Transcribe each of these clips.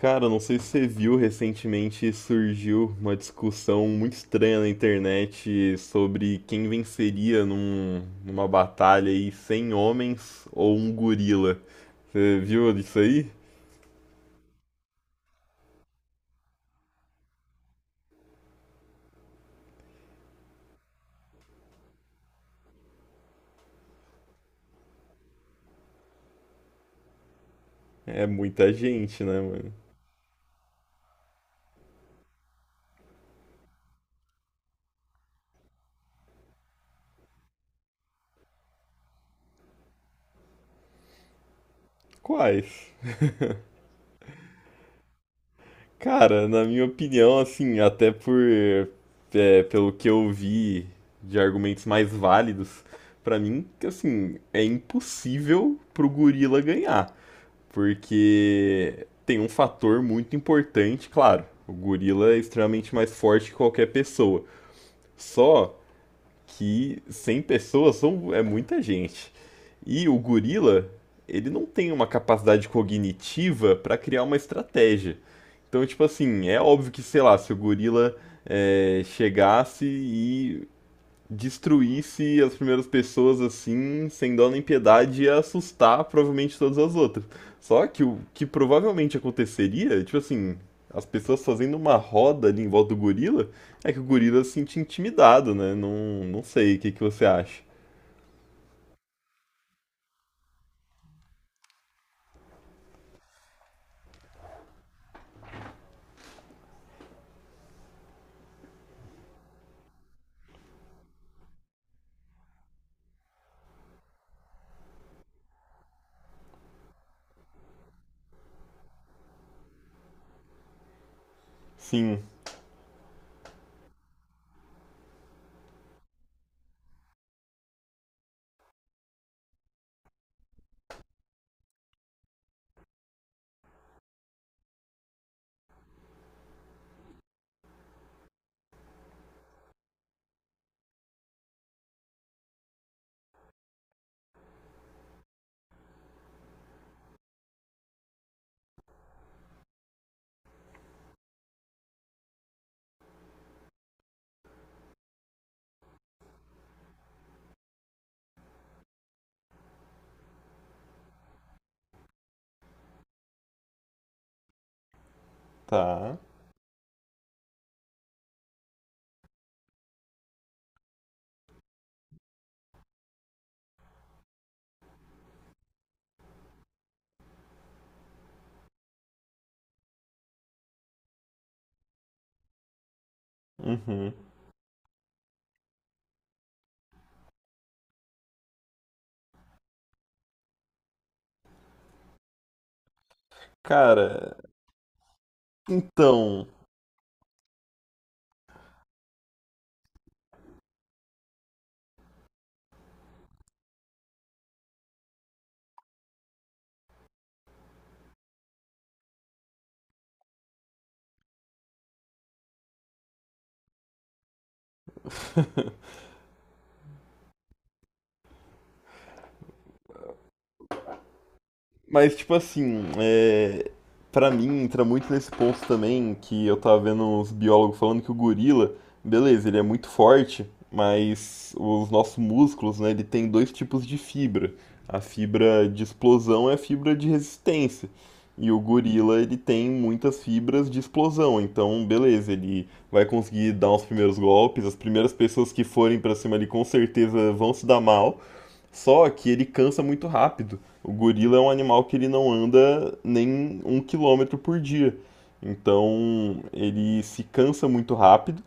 Cara, não sei se você viu, recentemente surgiu uma discussão muito estranha na internet sobre quem venceria numa batalha aí 100 homens ou um gorila. Você viu isso aí? É muita gente, né, mano? Quais? Cara, na minha opinião, assim, até por pelo que eu vi de argumentos mais válidos, pra mim, que assim, é impossível pro gorila ganhar. Porque tem um fator muito importante, claro. O gorila é extremamente mais forte que qualquer pessoa. Só que 100 pessoas são, é muita gente. E o gorila, ele não tem uma capacidade cognitiva para criar uma estratégia. Então, tipo assim, é óbvio que, sei lá, se o gorila chegasse e destruísse as primeiras pessoas assim, sem dó nem piedade, ia assustar provavelmente todas as outras. Só que o que provavelmente aconteceria, tipo assim, as pessoas fazendo uma roda ali em volta do gorila, é que o gorila se sente intimidado, né? Não, não sei, o que que você acha? Sim, tá. Uhum. Cara, então, mas, tipo assim, pra mim entra muito nesse ponto também que eu tava vendo uns biólogos falando que o gorila, beleza, ele é muito forte, mas os nossos músculos, né, ele tem dois tipos de fibra. A fibra de explosão é a fibra de resistência. E o gorila, ele tem muitas fibras de explosão, então beleza, ele vai conseguir dar os primeiros golpes, as primeiras pessoas que forem pra cima ali com certeza vão se dar mal. Só que ele cansa muito rápido. O gorila é um animal que ele não anda nem 1 km por dia. Então ele se cansa muito rápido.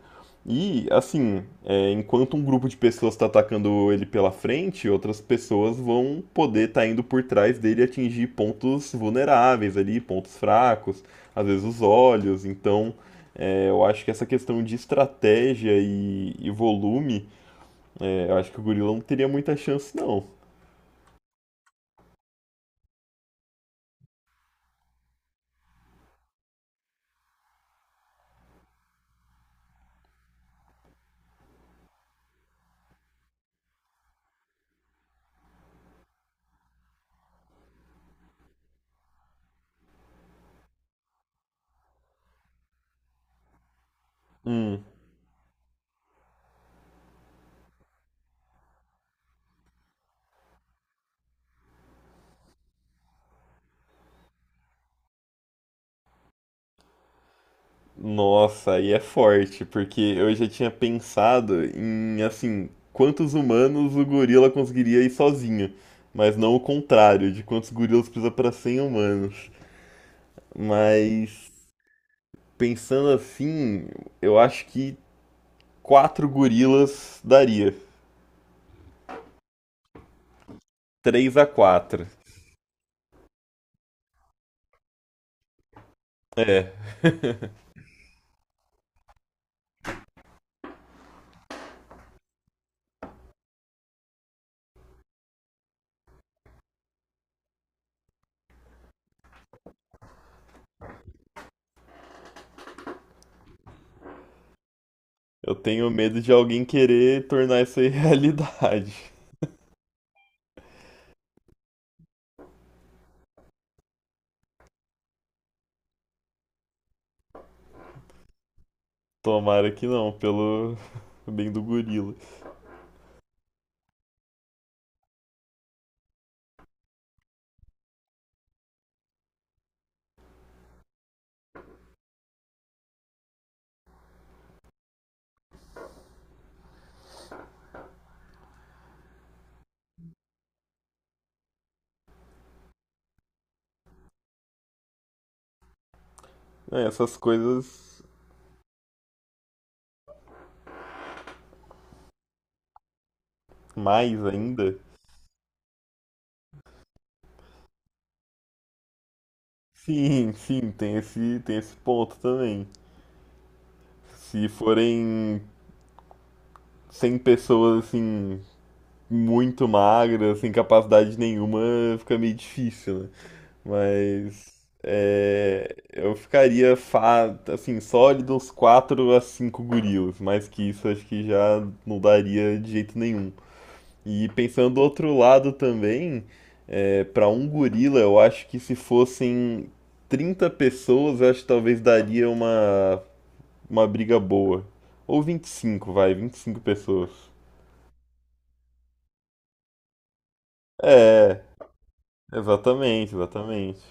E assim, enquanto um grupo de pessoas está atacando ele pela frente, outras pessoas vão poder estar indo por trás dele e atingir pontos vulneráveis ali, pontos fracos, às vezes os olhos. Então eu acho que essa questão de estratégia e volume, eu acho que o gorila não teria muita chance, não. Hum, Nossa, aí é forte, porque eu já tinha pensado em, assim, quantos humanos o gorila conseguiria ir sozinho, mas não o contrário, de quantos gorilas precisa para 100 humanos. Mas, pensando assim, eu acho que 4 gorilas daria. Três a quatro. É, eu tenho medo de alguém querer tornar isso aí realidade. Tomara que não, pelo bem do gorila. É, essas coisas. Mais ainda? Sim, sim, tem esse ponto também. Se forem 100 pessoas, assim, muito magras, sem capacidade nenhuma, fica meio difícil, né? Mas eu ficaria, assim, sólido uns 4 a 5 gorilas. Mais que isso, acho que já não daria de jeito nenhum. E pensando do outro lado também, para um gorila, eu acho que se fossem 30 pessoas, eu acho que talvez daria uma briga boa. Ou vinte e cinco pessoas. É, exatamente, exatamente.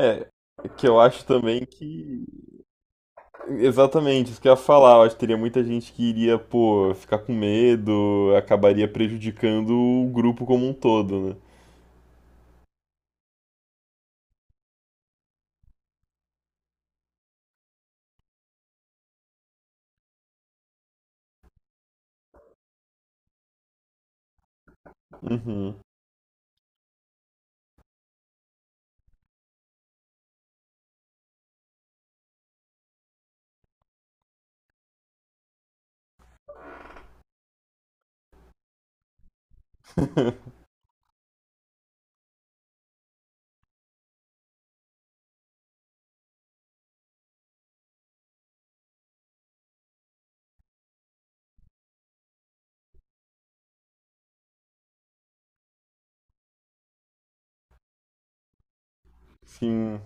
É, que eu acho também que. Exatamente, isso que eu ia falar. Eu acho que teria muita gente que iria, pô, ficar com medo, acabaria prejudicando o grupo como um todo, né? Uhum. Sim.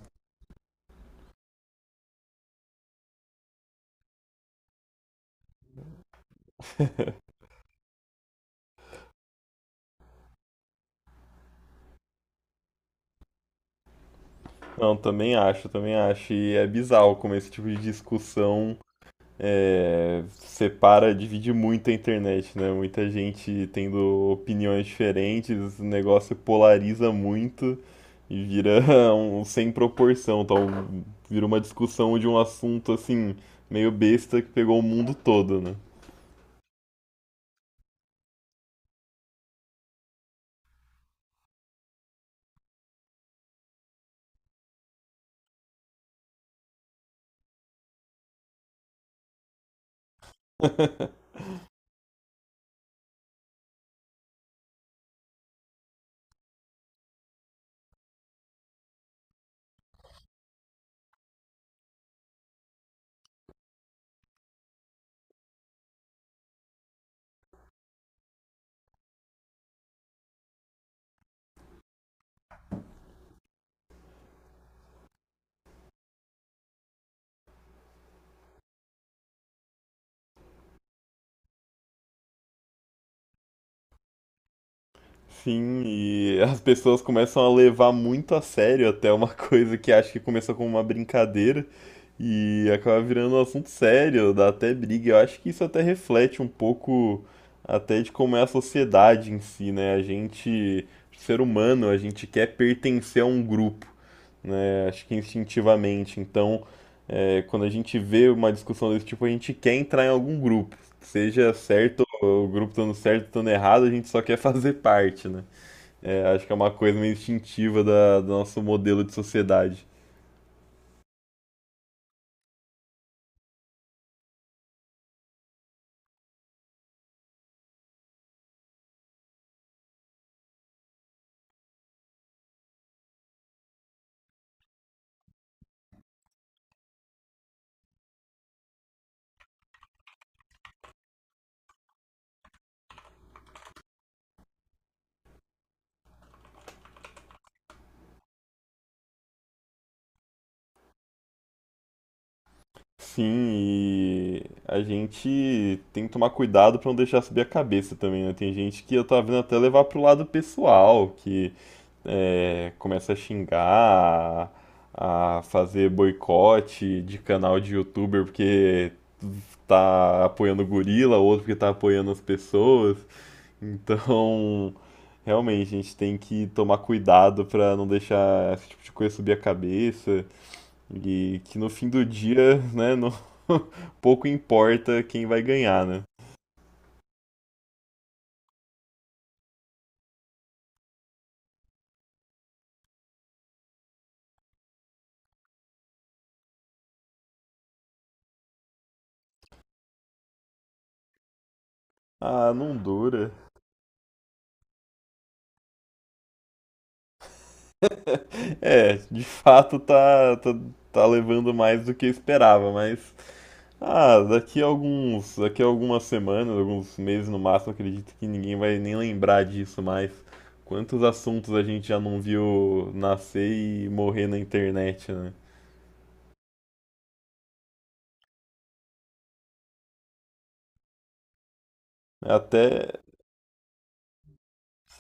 Não, também acho, também acho. E é bizarro como esse tipo de discussão separa, divide muito a internet, né? Muita gente tendo opiniões diferentes, o negócio polariza muito e vira um sem proporção, tal. Vira uma discussão de um assunto assim, meio besta que pegou o mundo todo, né? Sim, e as pessoas começam a levar muito a sério até uma coisa que acho que começou como uma brincadeira e acaba virando um assunto sério, dá até briga. Eu acho que isso até reflete um pouco até de como é a sociedade em si, né? A gente, ser humano, a gente quer pertencer a um grupo, né? Acho que instintivamente. Então, quando a gente vê uma discussão desse tipo, a gente quer entrar em algum grupo. Seja certo, ou o grupo estando certo, estando errado, a gente só quer fazer parte, né? É, acho que é uma coisa meio instintiva do nosso modelo de sociedade. Sim, e a gente tem que tomar cuidado pra não deixar subir a cabeça também, né? Tem gente que eu tava vendo até levar pro lado pessoal, que começa a xingar, a fazer boicote de canal de youtuber porque tá apoiando o gorila, outro porque tá apoiando as pessoas. Então, realmente, a gente tem que tomar cuidado pra não deixar esse tipo de coisa subir a cabeça. E que no fim do dia, né, pouco importa quem vai ganhar, né? Ah, não dura. É, de fato tá levando mais do que eu esperava, mas. Ah, daqui a algumas semanas, alguns meses no máximo, acredito que ninguém vai nem lembrar disso mais. Quantos assuntos a gente já não viu nascer e morrer na internet, né? Até,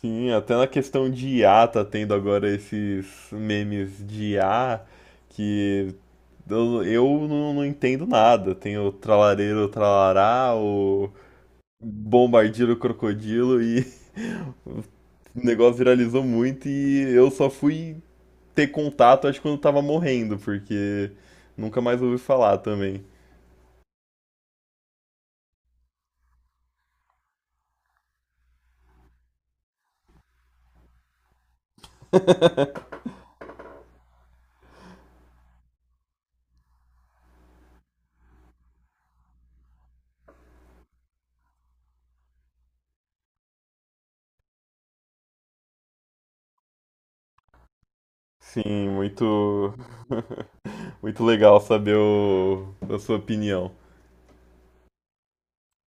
sim, até na questão de IA tá tendo agora esses memes de IA que eu não entendo nada. Tem o tralareiro tralará, o bombardeiro crocodilo e o negócio viralizou muito e eu só fui ter contato, acho que quando tava morrendo, porque nunca mais ouvi falar também. Sim, muito muito legal saber a sua opinião.